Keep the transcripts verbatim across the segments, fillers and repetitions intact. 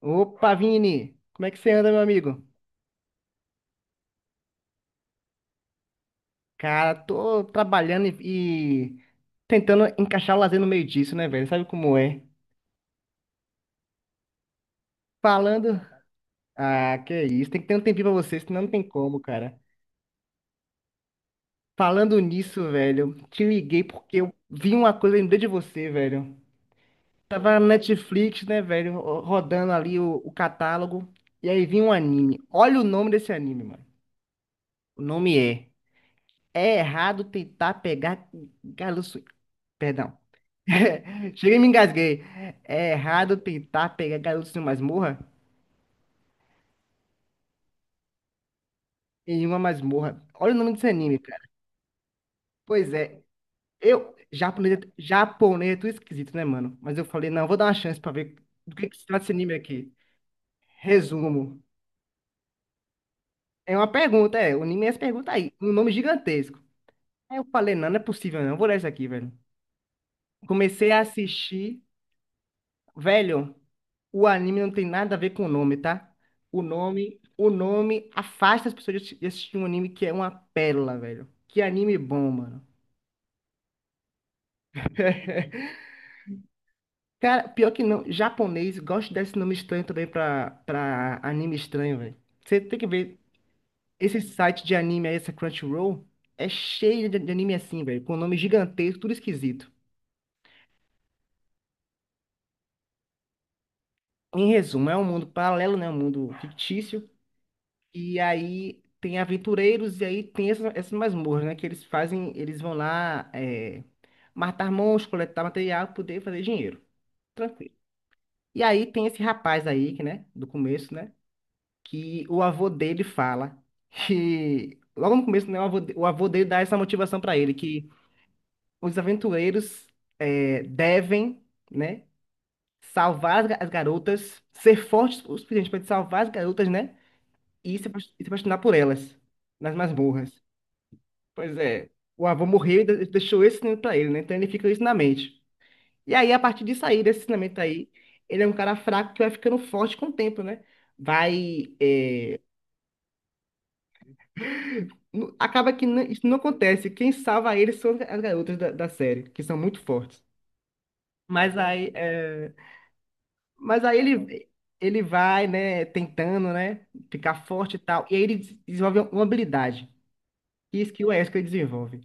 Opa, Vini! Como é que você anda, meu amigo? Cara, tô trabalhando e, e tentando encaixar o lazer no meio disso, né, velho? Sabe como é? Falando. Ah, que é isso, tem que ter um tempinho pra você, senão não tem como, cara. Falando nisso, velho, te liguei porque eu vi uma coisa, e lembrei de você, velho. Tava na Netflix, né, velho, ro- rodando ali o, o catálogo, e aí vi um anime. Olha o nome desse anime, mano. O nome é É Errado Tentar Pegar Garoto. Perdão. Cheguei e me engasguei. É errado tentar pegar garotos em uma masmorra? Em uma masmorra. Olha o nome desse anime, cara. Pois é. Eu, japonês, japonês é tudo esquisito, né, mano? Mas eu falei, não, vou dar uma chance pra ver do que que se trata esse anime aqui. Resumo. É uma pergunta, é. O anime é essa pergunta aí. Um nome gigantesco. Aí eu falei, não, não é possível, não. Eu vou ler isso aqui, velho. Comecei a assistir. Velho, o anime não tem nada a ver com o nome, tá? O nome, o nome afasta as pessoas de assi- de assistir um anime que é uma pérola, velho. Que anime bom, mano. Cara, pior que não, japonês gosta desse nome estranho também pra, pra anime estranho, velho. Você tem que ver, esse site de anime aí, essa Crunchyroll, é cheio de, de anime assim, velho, com nome gigantesco, tudo esquisito. Em resumo, é um mundo paralelo, né? Um mundo fictício. E aí tem aventureiros e aí tem essas, essas masmorras, né? Que eles fazem, eles vão lá é, matar monstros, coletar material, poder fazer dinheiro. Tranquilo. E aí tem esse rapaz aí, que, né? Do começo, né? Que o avô dele fala que... Logo no começo, né? O avô, de- o avô dele dá essa motivação pra ele, que os aventureiros é, devem, né? Salvar as ga- as garotas, ser fortes o suficiente para salvar as garotas, né? E se apos- e se apaixonar por elas nas masmorras. Pois é, o avô morreu e de- deixou esse ensinamento pra ele, né? Então ele fica com isso na mente. E aí, a partir disso aí, desse ensinamento aí, ele é um cara fraco que vai ficando forte com o tempo, né? Vai. é, nu- Acaba que não- isso não acontece. Quem salva ele são as garotas da, da série, que são muito fortes. Mas aí, é, mas aí ele, ele vai, né, tentando, né, ficar forte e tal. E aí ele des- desenvolve uma habilidade. E isso que o Wesker desenvolve.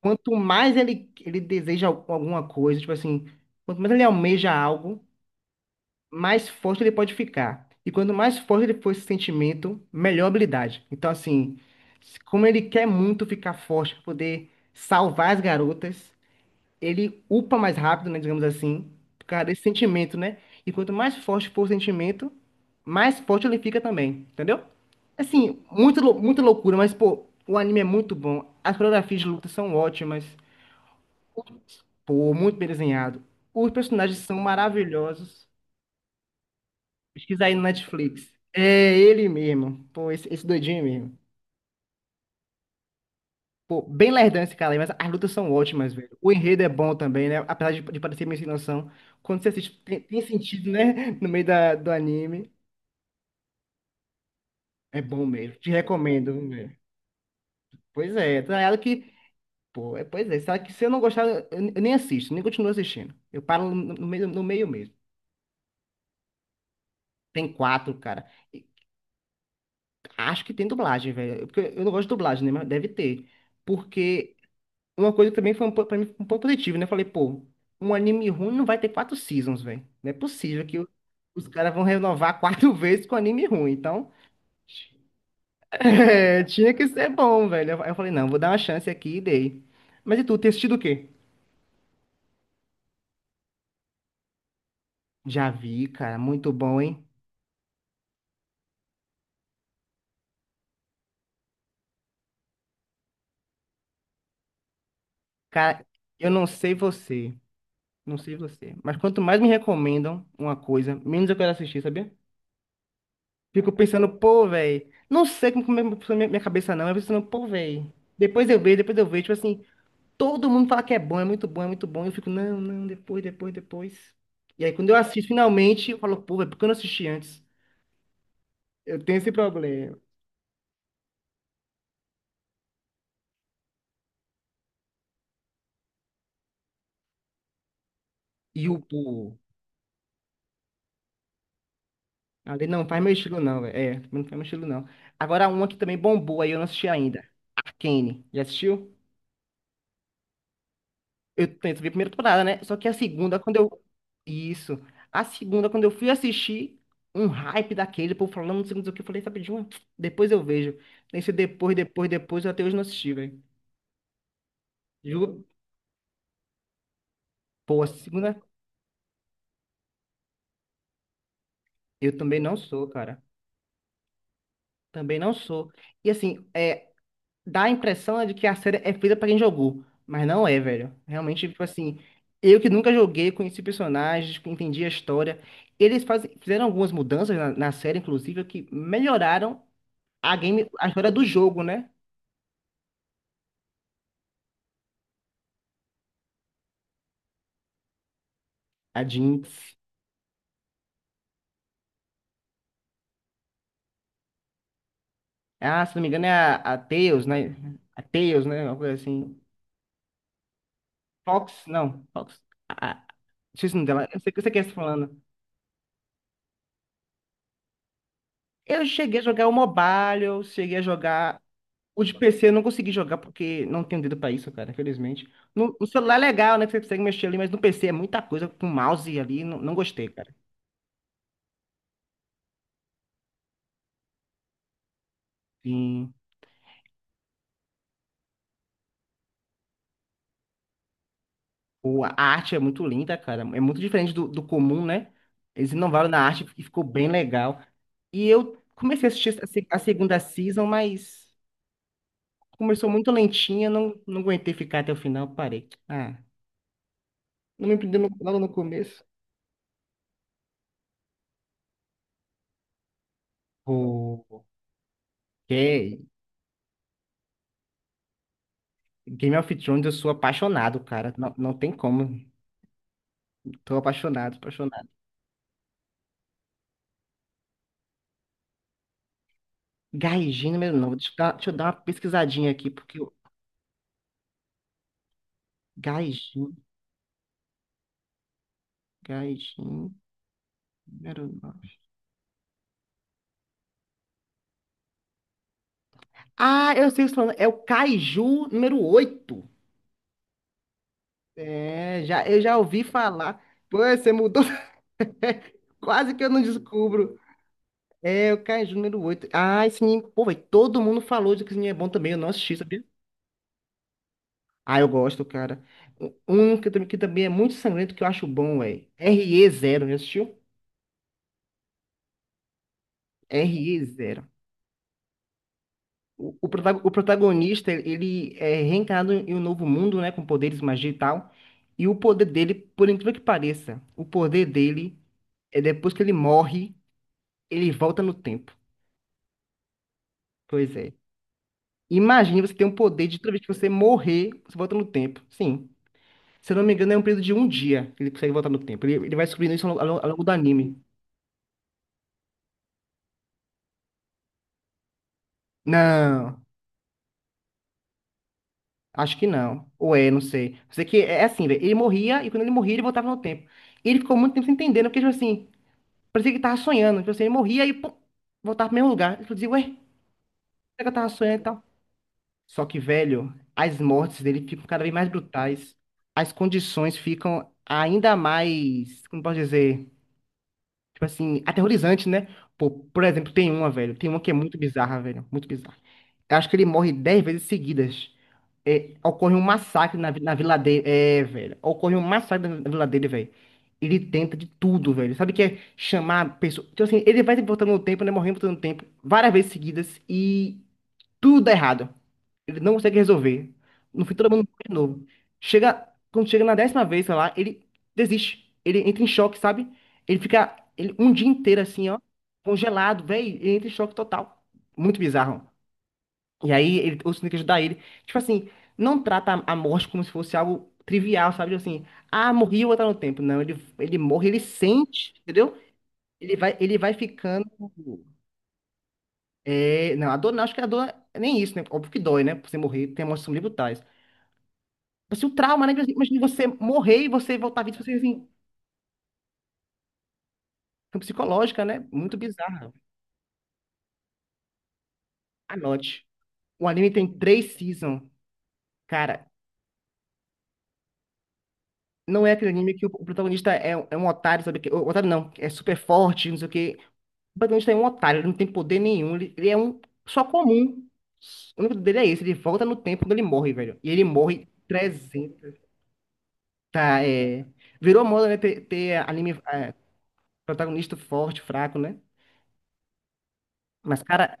Quanto mais ele, ele deseja al- alguma coisa, tipo assim, quanto mais ele almeja algo, mais forte ele pode ficar. E quanto mais forte ele for esse sentimento, melhor a habilidade. Então, assim, se- como ele quer muito ficar forte para poder salvar as garotas, ele upa mais rápido, né, digamos assim, por causa desse sentimento, né? E quanto mais forte for o sentimento, mais forte ele fica também, entendeu? Assim, muito, lou- muita loucura, mas, pô, o anime é muito bom. As coreografias de luta são ótimas. Pô, muito bem desenhado. Os personagens são maravilhosos. Pesquisa aí no Netflix. É ele mesmo. Pô, esse, esse doidinho mesmo. Pô, bem lerdão esse cara aí, mas as lutas são ótimas, velho. O enredo é bom também, né? Apesar de, de parecer meio sem noção. Quando você assiste, tem, tem sentido, né? No meio da, do anime. É bom mesmo. Te recomendo, velho. Pois é, tá ligado que. Pô, é, pois é. Sabe que se eu não gostar, eu, eu nem assisto, nem continuo assistindo. Eu paro no, no meio, no meio mesmo. Tem quatro, cara. Acho que tem dublagem, velho. É porque eu não gosto de dublagem, né? Mas deve ter. Porque uma coisa que também foi um, po- pra mim foi um ponto positivo, né? Eu falei, pô, um anime ruim não vai ter quatro seasons, velho. Não é possível que o- os caras vão renovar quatro vezes com anime ruim. Então, é, tinha que ser bom, velho. Aí eu falei, não, vou dar uma chance aqui e dei. Mas e tu, tem assistido o quê? Já vi, cara. Muito bom, hein? Cara, eu não sei você. Não sei você. Mas quanto mais me recomendam uma coisa, menos eu quero assistir, sabia? Fico pensando, pô, velho. Não sei como como é minha minha cabeça não. Eu fico pensando, pô, velho. Depois eu vejo, depois eu vejo. Tipo assim, todo mundo fala que é bom, é muito bom, é muito bom. Eu fico, não, não, depois, depois, depois. E aí, quando eu assisto finalmente, eu falo, pô, velho, por que eu não assisti antes? Eu tenho esse problema. E o, pô, ali não faz meu estilo, não, velho. É, não faz meu estilo, não. Agora, uma que também bombou aí, eu não assisti ainda. Arcane. Já assistiu? Eu tento ver a primeira temporada, né? Só que a segunda, quando eu. Isso. A segunda, quando eu fui assistir, um hype daquele, por falando, não sei o que, eu falei, sabe de uma? Depois eu vejo. Nesse depois, depois, depois, eu até hoje não assisti, velho. Juro. Pô, a segunda, eu também não sou, cara. Também não sou. E assim, é, dá a impressão, né, de que a série é feita pra quem jogou. Mas não é, velho. Realmente, tipo assim, eu que nunca joguei, conheci personagens, entendi a história. Eles fazem, fizeram algumas mudanças na, na série, inclusive, que melhoraram a game, a história do jogo, né? A Jinx. Ah, se não me engano, é a, a Tails, né? A Tails, né? Uma coisa assim. Fox, não, Fox. A, a- Esqueci o nome dela. Eu sei, eu sei quem você tá falando. Eu cheguei a jogar o mobile, eu cheguei a jogar. O de P C eu não consegui jogar porque não tenho dedo pra isso, cara, infelizmente. No, no celular é legal, né? Que você consegue mexer ali, mas no P C é muita coisa com mouse ali. Não, não gostei, cara. Sim. O, a arte é muito linda, cara. É muito diferente do, do comum, né? Eles inovaram na arte e ficou bem legal. E eu comecei a assistir a, se- a segunda season, mas começou muito lentinha, não, não aguentei ficar até o final, parei. Ah, não me prendeu no- logo no começo. O que Game of Thrones, eu sou apaixonado, cara. Não, não tem como. Tô apaixonado, apaixonado. Gaijin número nove. Deixa eu dar, deixa eu dar uma pesquisadinha aqui, porque o Gaijin, Gaijin número nove. Ah, eu sei o que você tá falando. É o Kaiju número oito. É, já, eu já ouvi falar. Pô, você mudou. Quase que eu não descubro. É, o Kaiju número oito. Ah, esse anime. Pô, velho, todo mundo falou de que esse anime é bom também. Eu não assisti, sabia? Ah, eu gosto, cara. Um que, também que também é muito sangrento que eu acho bom, velho. Re zero, já assistiu? Re zero. O, o protago- o protagonista, ele é reencarnado em um novo mundo, né? Com poderes, magia e tal. E o poder dele, por incrível que pareça, o poder dele é depois que ele morre, ele volta no tempo. Pois é. Imagine você ter um poder de toda vez que você morrer, você volta no tempo. Sim. Se eu não me engano, é um período de um dia que ele consegue voltar no tempo. Ele, ele vai descobrindo isso ao, longo ao longo do anime. Não, acho que não. Ou é, não sei. Sei que é assim, velho. Ele morria e quando ele morria, ele voltava no tempo. E ele ficou muito tempo sem entender, né? Porque, tipo assim. Parecia que tava sonhando. Tipo assim, ele morria e pum, voltava pro mesmo lugar. Eu dizia, ué, será que eu tava sonhando e tal? Só que, velho, as mortes dele ficam cada vez mais brutais. As condições ficam ainda mais, como posso dizer, tipo assim, aterrorizantes, né? Pô, por exemplo, tem uma, velho. Tem uma que é muito bizarra, velho. Muito bizarra. Eu acho que ele morre dez vezes seguidas. É, ocorre um massacre na, vi- na vila dele. É, velho. Ocorre um massacre na, na vila dele, velho. Ele tenta de tudo, velho. Sabe o que é chamar pessoas. Então, assim, ele vai voltando no tempo, né? Morrendo voltando no tempo, várias vezes seguidas e tudo dá errado. Ele não consegue resolver. No fim, todo mundo morre de novo. Chega, Quando chega na décima vez, sei lá, ele desiste. Ele entra em choque, sabe? Ele fica ele, um dia inteiro assim, ó, congelado, velho. Ele entra em choque total. Muito bizarro. E aí ele, o Sonic ajudar ele. Tipo assim, não trata a a morte como se fosse algo trivial, sabe? Tipo assim, ah, morri, eu vou voltar no tempo. Não, ele, ele, morre, ele sente, entendeu? Ele vai, ele vai ficando. É, não, a dor não, acho que a dor é nem isso, né? Óbvio que dói, né? Você morrer, tem emoções são brutais. Mas assim, o trauma, né? Imagina você morrer e você voltar vivo vida, você assim, é psicológica, né? Muito bizarra. Anote. O anime tem três seasons. Cara, não é aquele anime que o o protagonista é, um é um otário, sabe? Que- O otário não, é super forte, não sei o quê. Protagonista é um otário, ele não tem poder nenhum, ele, ele, é um só comum. O único dele é esse, ele volta no tempo quando ele morre, velho. E ele morre trezentas. Tá, é. Virou moda, né? Ter, ter anime é, protagonista forte, fraco, né? Mas, cara.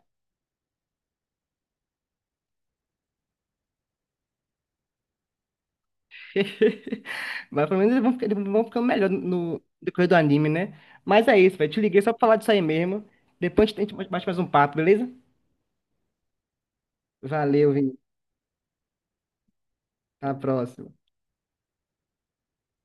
Mas pelo menos eles vão, ficar- eles vão ficando melhor no decorrer do anime, né? Mas é isso, velho. Te liguei só pra falar disso aí mesmo. Depois a gente bate mais um papo, beleza? Valeu, Vini. Até a próxima.